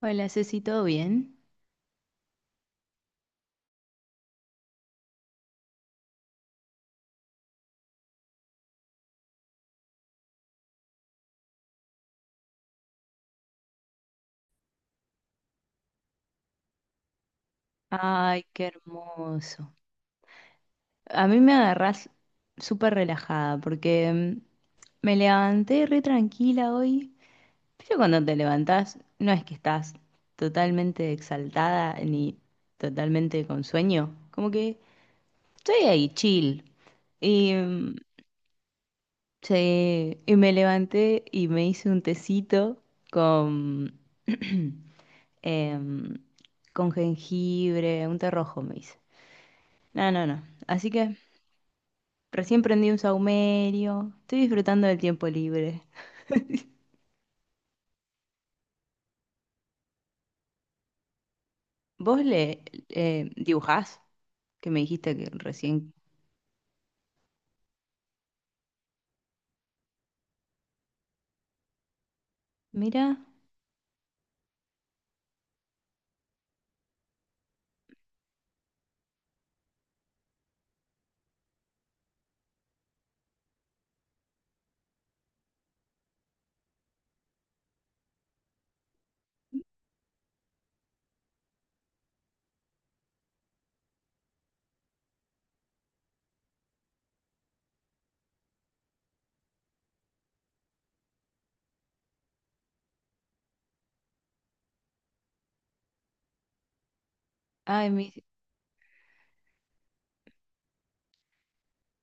Hola, Ceci, ¿todo bien? Ay, qué hermoso. A mí me agarrás súper relajada porque me levanté re tranquila hoy. Pero cuando te levantás, no es que estás totalmente exaltada ni totalmente con sueño. Como que estoy ahí, chill. Y, mm, sí, y me levanté y me hice un tecito con, em, con jengibre, un té rojo me hice. No, no, no. Así que recién prendí un saumerio. Estoy disfrutando del tiempo libre. ¿Vos le dibujás? Que me dijiste que recién. Mira, ay, me,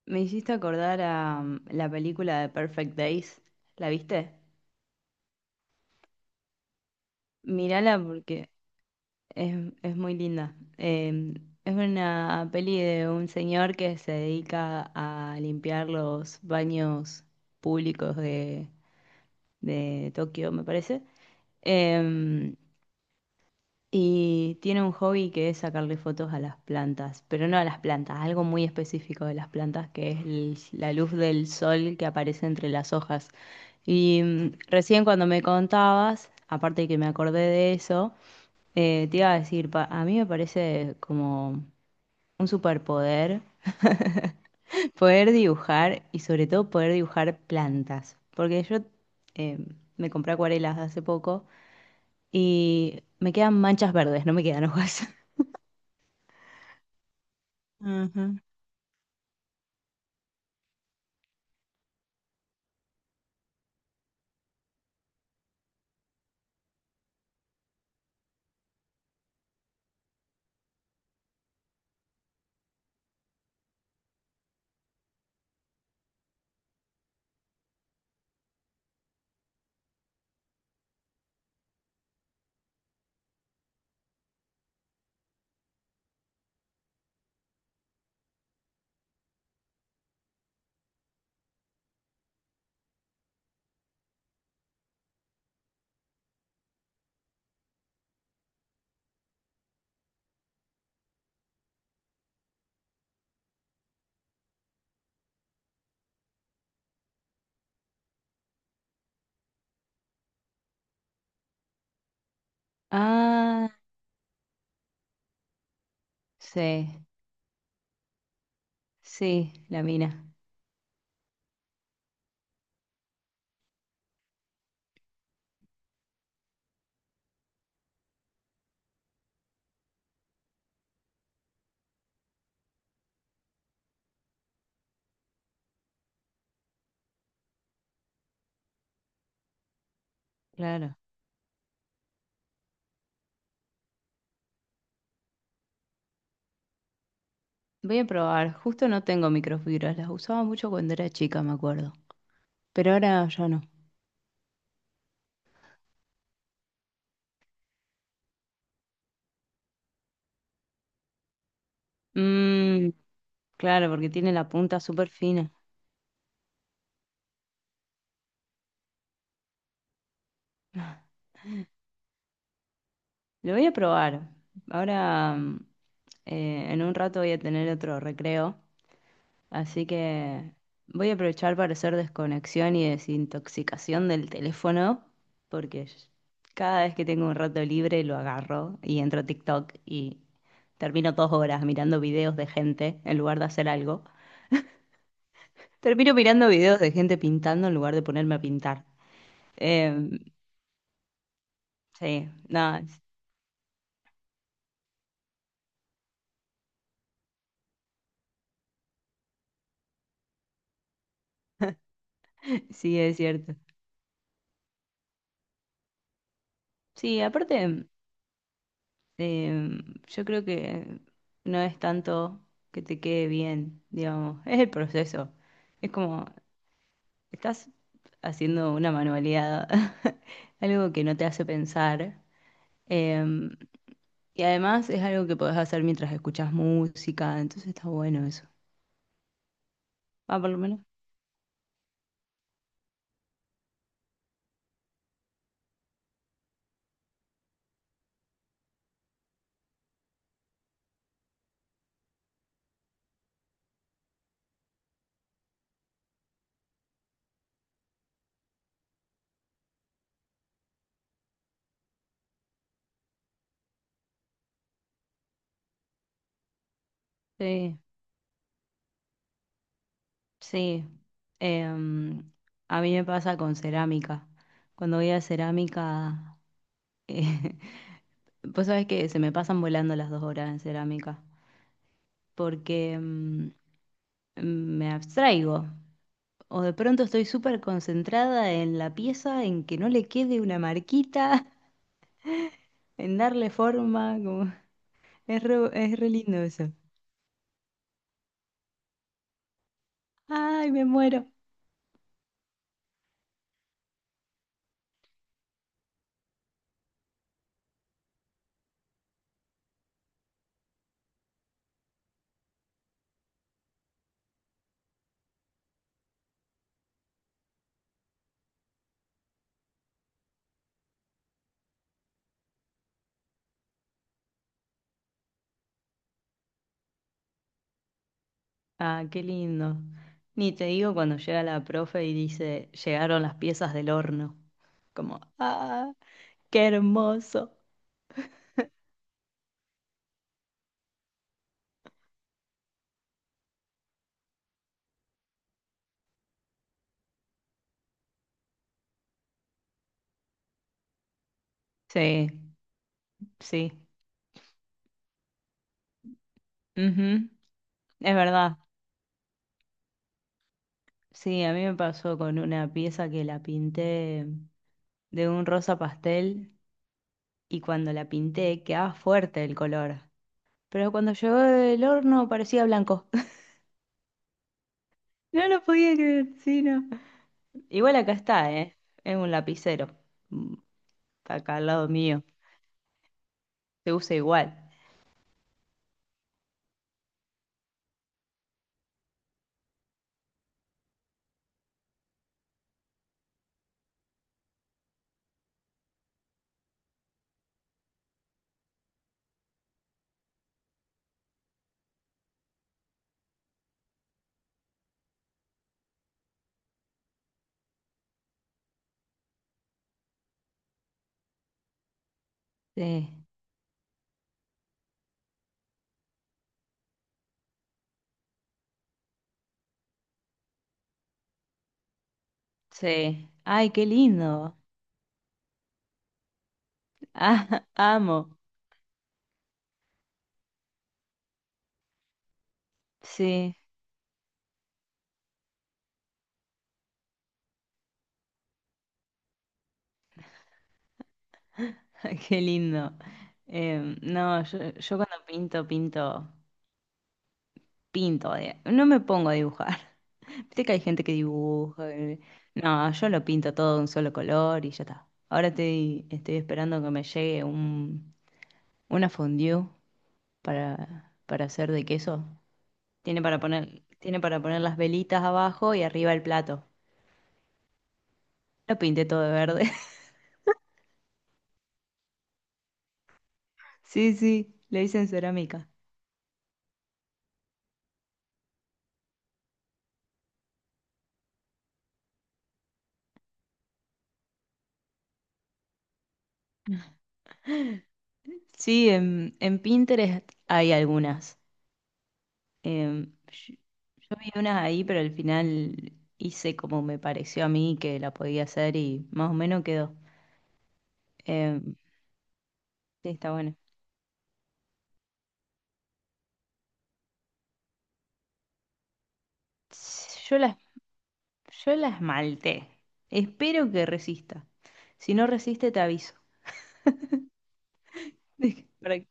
me hiciste acordar a la película de Perfect Days. ¿La viste? Mírala porque es muy linda. Es una peli de un señor que se dedica a limpiar los baños públicos de Tokio, me parece. Em, Y tiene un hobby que es sacarle fotos a las plantas, pero no a las plantas, algo muy específico de las plantas que es la luz del sol que aparece entre las hojas. Recién cuando me contabas, aparte de que me acordé de eso, te iba a decir, a mí me parece como un superpoder. Poder dibujar y sobre todo poder dibujar plantas, porque yo eh, me compré acuarelas hace poco y me quedan manchas verdes, no me quedan hojas. Ah, sí, sí, la mina, claro. Voy a probar, justo no tengo microfibras, las usaba mucho cuando era chica, me acuerdo, pero ahora ya no. Mm, claro, porque tiene la punta súper fina. Lo voy a probar. Ahora, en un rato voy a tener otro recreo. Así que voy a aprovechar para hacer desconexión y desintoxicación del teléfono, porque cada vez que tengo un rato libre lo agarro y entro a TikTok y termino 2 horas mirando videos de gente en lugar de hacer algo. Termino mirando videos de gente pintando en lugar de ponerme a pintar. Em, sí, no, sí es cierto. Sí, aparte, em, yo creo que no es tanto que te quede bien, digamos, es el proceso. Es como estás haciendo una manualidad, algo que no te hace pensar. em, y además es algo que podés hacer mientras escuchas música, entonces está bueno eso. Ah, por lo menos. Sí, sí. Em, a mí me pasa con cerámica. Cuando voy a cerámica, eh, vos sabés que se me pasan volando las 2 horas en cerámica, porque me abstraigo. O de pronto estoy súper concentrada en la pieza, en que no le quede una marquita, en darle forma, como, es re lindo eso. Ay, me muero. Ah, qué lindo. Ni te digo cuando llega la profe y dice, llegaron las piezas del horno. Como, ah, qué hermoso. Sí, sí. Ujú, es verdad. Sí, a mí me pasó con una pieza que la pinté de un rosa pastel y cuando la pinté quedaba fuerte el color. Pero cuando llegó del horno parecía blanco. No lo podía creer, sí, no. Igual acá está, ¿eh? Es un lapicero. Mm, está acá al lado mío. Se usa igual. Sí, sí. Ay, qué lindo. Ah, amo. Sí, qué lindo. No, yo cuando pinto, pinto. No me pongo a dibujar. Viste que hay gente que dibuja. No, yo lo pinto todo de un solo color y ya está. Ahora estoy esperando que me llegue una fondue para hacer de queso. Tiene para poner las velitas abajo y arriba el plato. Lo pinté todo de verde. Sí, sí, lo hice en cerámica. Sí, en Pinterest hay algunas. Em, yo, yo vi unas ahí, pero al final hice como me pareció a mí que la podía hacer y más o menos quedó. Em, sí, está bueno. Yo las, yo las malté. Espero que resista. Si no resiste, te aviso. Para-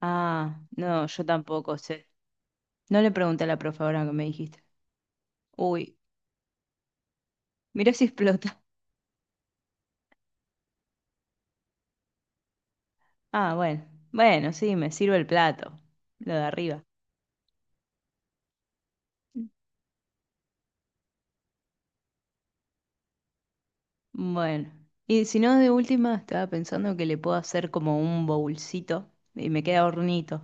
Ah, no, yo tampoco. Se, no le pregunté a la profe ahora que me dijiste. Uy, mirá si explota. Ah, bueno. Bueno, sí, me sirve el plato. Lo de arriba. Bueno. Y si no, de última, estaba pensando que le puedo hacer como un bowlcito y me queda hornito.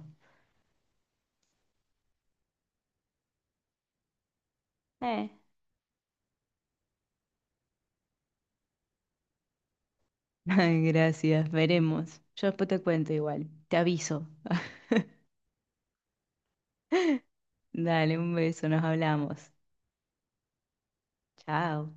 Eh. Ay, gracias, veremos. Yo después te cuento igual. Te aviso. Dale, un beso, nos hablamos. Chao.